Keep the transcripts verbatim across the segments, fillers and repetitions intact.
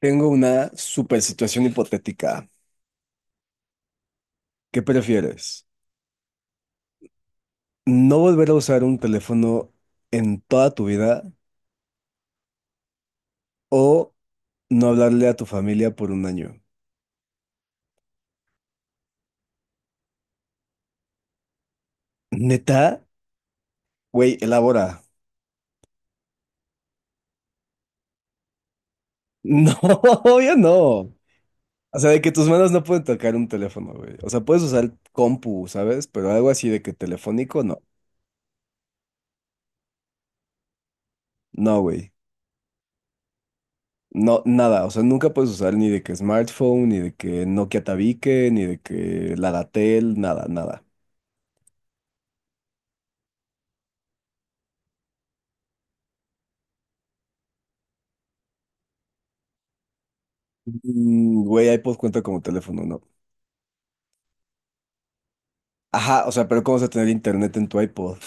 Tengo una super situación hipotética. ¿Qué prefieres? ¿No volver a usar un teléfono en toda tu vida o no hablarle a tu familia por un año? ¿Neta? Güey, elabora. No, obvio no. O sea, de que tus manos no pueden tocar un teléfono, güey. O sea, puedes usar compu, ¿sabes? Pero algo así de que telefónico, no. No, güey. No, nada. O sea, nunca puedes usar ni de que smartphone, ni de que Nokia Tabique, ni de que Ladatel, nada, nada. Mm, Güey, iPod cuenta como teléfono, ¿no? Ajá, o sea, pero ¿cómo vas a tener internet en tu iPod?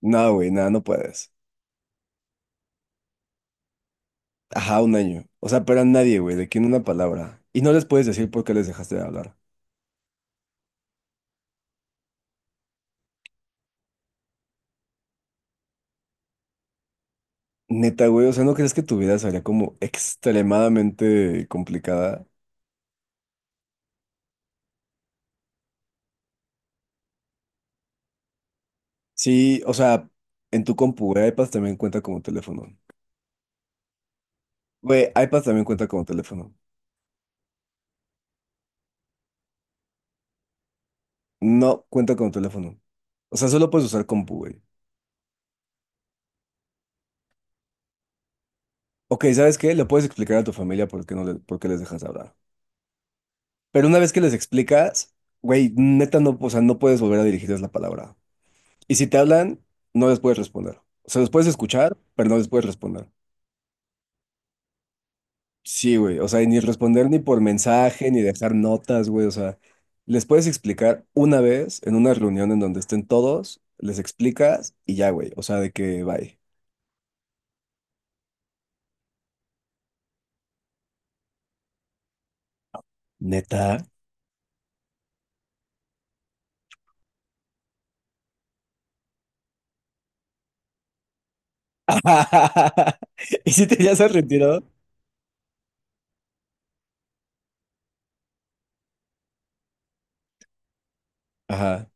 No, güey, nada, no puedes. Ajá, un año. O sea, pero a nadie, güey, de quién una palabra. Y no les puedes decir por qué les dejaste de hablar. Neta, güey, o sea, ¿no crees que tu vida sería como extremadamente complicada? Sí, o sea, en tu compu, güey, iPad también cuenta como teléfono. Güey, iPad también cuenta como teléfono. No cuenta como teléfono. O sea, solo puedes usar compu, güey. Ok, ¿sabes qué? Le puedes explicar a tu familia por qué no le- por qué les dejas de hablar. Pero una vez que les explicas, güey, neta no, o sea, no puedes volver a dirigirles la palabra. Y si te hablan, no les puedes responder. O sea, los puedes escuchar, pero no les puedes responder. Sí, güey, o sea, y ni responder ni por mensaje, ni dejar notas, güey, o sea, les puedes explicar una vez en una reunión en donde estén todos, les explicas y ya, güey, o sea, de que bye. Neta. ¿Y si te ya se retiró? Ajá,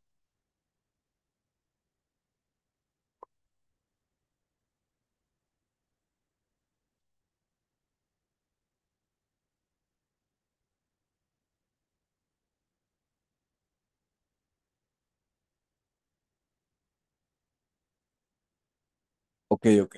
ok, ok.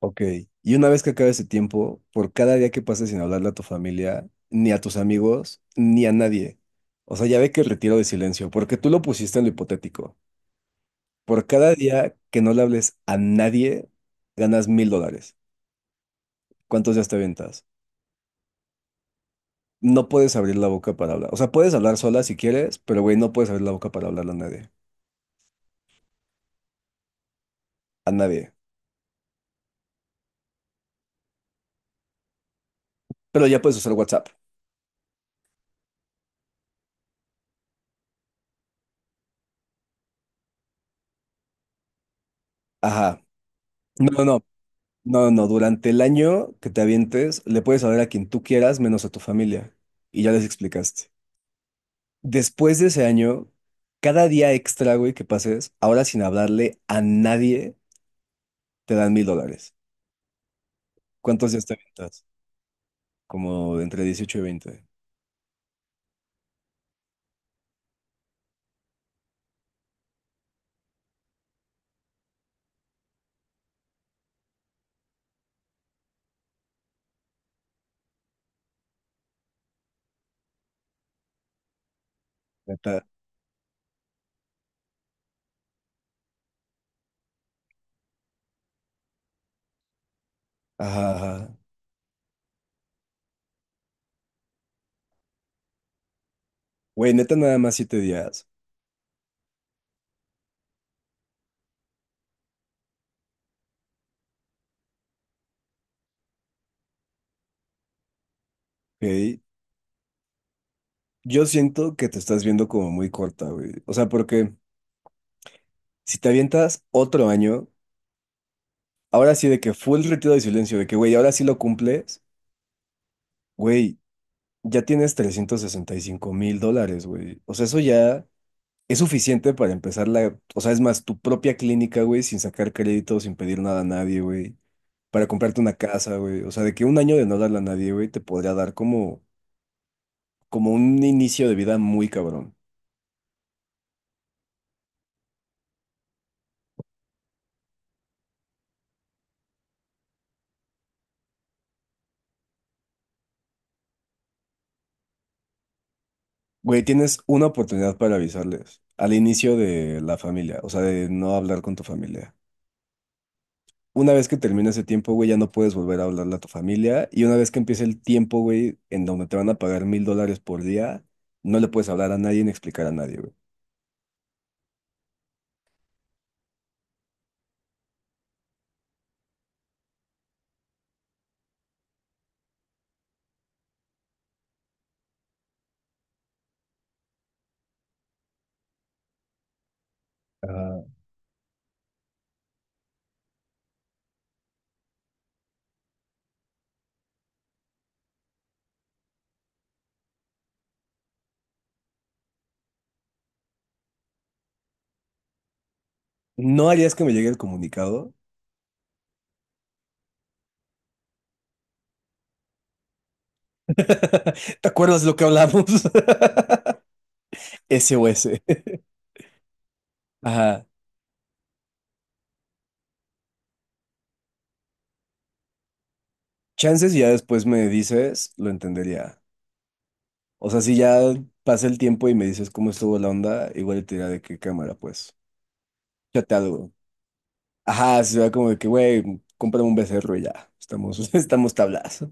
Ok, y una vez que acabe ese tiempo, por cada día que pases sin hablarle a tu familia, ni a tus amigos, ni a nadie. O sea, ya ve que el retiro de silencio, porque tú lo pusiste en lo hipotético. Por cada día que no le hables a nadie, ganas mil dólares. ¿Cuántos días te aventas? No puedes abrir la boca para hablar. O sea, puedes hablar sola si quieres, pero güey, no puedes abrir la boca para hablarle a nadie. A nadie. Pero ya puedes usar WhatsApp. Ajá. No, no, no. No, no, durante el año que te avientes, le puedes hablar a quien tú quieras, menos a tu familia. Y ya les explicaste. Después de ese año, cada día extra, güey, que pases, ahora sin hablarle a nadie, te dan mil dólares. ¿Cuántos días te avientas? Como entre dieciocho y veinte. Neta. Ajá, ajá. Güey, neta, nada más siete días. Ok. Yo siento que te estás viendo como muy corta, güey. O sea, porque si te avientas otro año, ahora sí de que full retiro de silencio, de que, güey, ahora sí lo cumples. Güey, ya tienes trescientos sesenta y cinco mil dólares, güey. O sea, eso ya es suficiente para empezar la, o sea, es más, tu propia clínica, güey, sin sacar crédito, sin pedir nada a nadie, güey. Para comprarte una casa, güey. O sea, de que un año de no darle a nadie, güey, te podría dar como, como un inicio de vida muy cabrón. Güey, tienes una oportunidad para avisarles al inicio de la familia, o sea, de no hablar con tu familia. Una vez que termina ese tiempo, güey, ya no puedes volver a hablarle a tu familia. Y una vez que empiece el tiempo, güey, en donde te van a pagar mil dólares por día, no le puedes hablar a nadie ni explicar a nadie, güey. Ah, ¿No harías que me llegue el comunicado? ¿Te acuerdas lo que hablamos? S O S. Ajá. Chances y ya después me dices, lo entendería. O sea, si ya pasa el tiempo y me dices cómo estuvo la onda, igual te dirá de qué cámara, pues. Chate algo. Ajá, se va como de que, güey, cómprame un becerro y ya. Estamos, estamos tablas.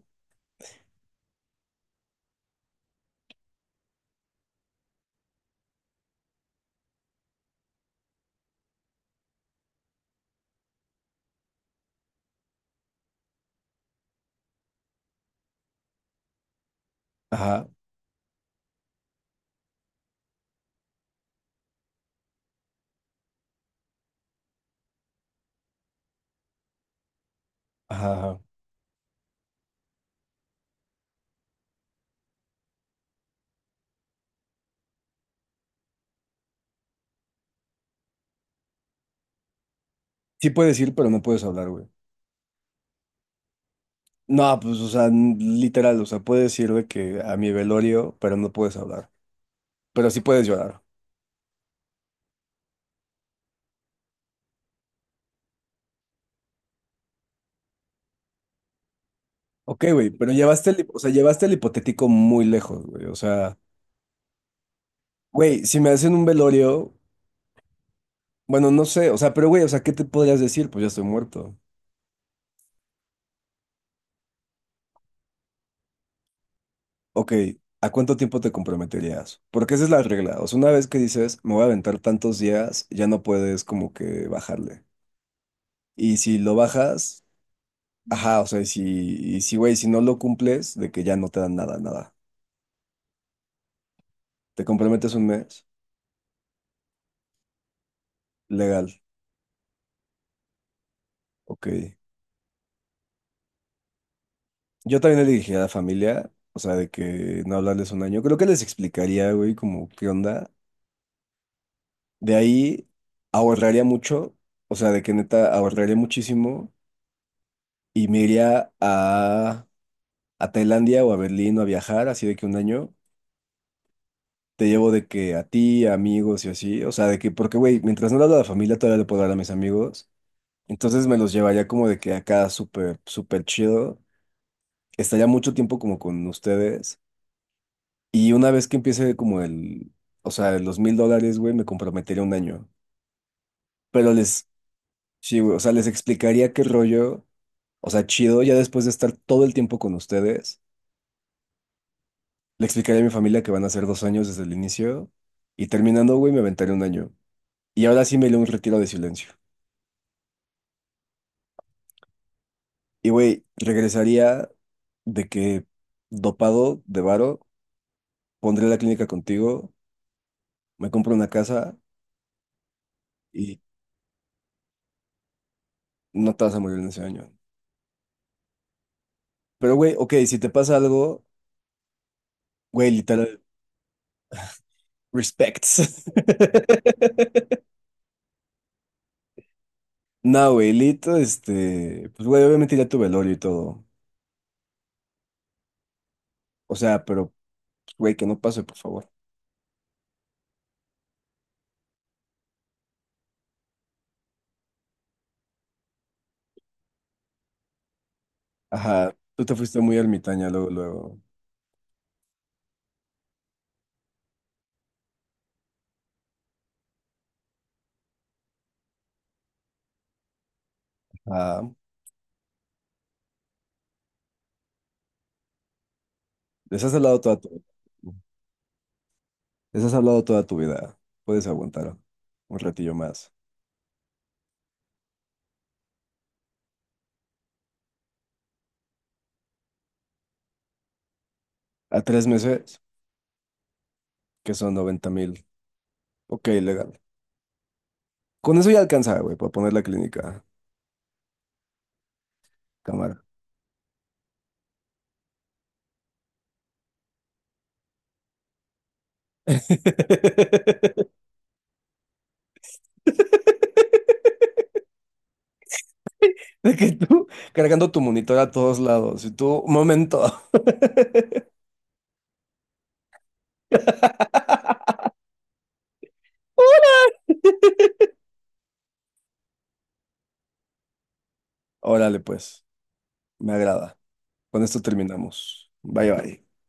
Ajá, ajá, ajá. Sí puedes ir, pero no puedes hablar, güey. No, pues, o sea, n- literal, o sea, puedes ir de que a mi velorio, pero no puedes hablar. Pero sí puedes llorar. Ok, güey, pero llevaste el, hip- o sea, llevaste el hipotético muy lejos, güey. O sea, güey, si me hacen un velorio, bueno, no sé, o sea, pero güey, o sea, ¿qué te podrías decir? Pues ya estoy muerto. Ok, ¿a cuánto tiempo te comprometerías? Porque esa es la regla. O sea, una vez que dices, me voy a aventar tantos días, ya no puedes como que bajarle. Y si lo bajas, ajá, o sea, y si, y si, güey, si no lo cumples, de que ya no te dan nada, nada. ¿Te comprometes un mes? Legal, ok. Yo también le dije a la familia, o sea, de que no hablarles un año. Creo que les explicaría, güey, como qué onda. De ahí ahorraría mucho, o sea, de que neta ahorraría muchísimo y me iría a... a Tailandia o a Berlín o a viajar, así de que un año, te llevo de que a ti, a amigos y así, o sea, de que, porque, güey, mientras no le hablo a la familia, todavía le puedo hablar a mis amigos, entonces me los llevaría como de que acá súper, súper chido, estaría mucho tiempo como con ustedes, y una vez que empiece como el, o sea, los mil dólares, güey, me comprometería un año, pero les, sí, güey, o sea, les explicaría qué rollo, o sea, chido, ya después de estar todo el tiempo con ustedes. Le explicaré a mi familia que van a ser dos años desde el inicio y terminando, güey, me aventaré un año. Y ahora sí me iré a un retiro de silencio. Y, güey, regresaría de que dopado de varo, pondré la clínica contigo, me compro una casa y no te vas a morir en ese año. Pero, güey, ok, si te pasa algo, güey, literal, respects. No, güey, Lito, este, pues, güey, obviamente ya tu velorio y todo. O sea, pero, pues, güey, que no pase, por favor. Ajá, tú te fuiste muy ermitaña luego, luego. Ah, les has hablado toda tu vida. Les has hablado toda tu vida. Puedes aguantar un ratillo más. A tres meses, que son noventa mil. Ok, legal. Con eso ya alcanza, güey, para poner la clínica. Cámara. De que tú cargando tu monitor a todos lados. Y tú, momento. Órale, pues. Me agrada. Con esto terminamos. Bye, bye.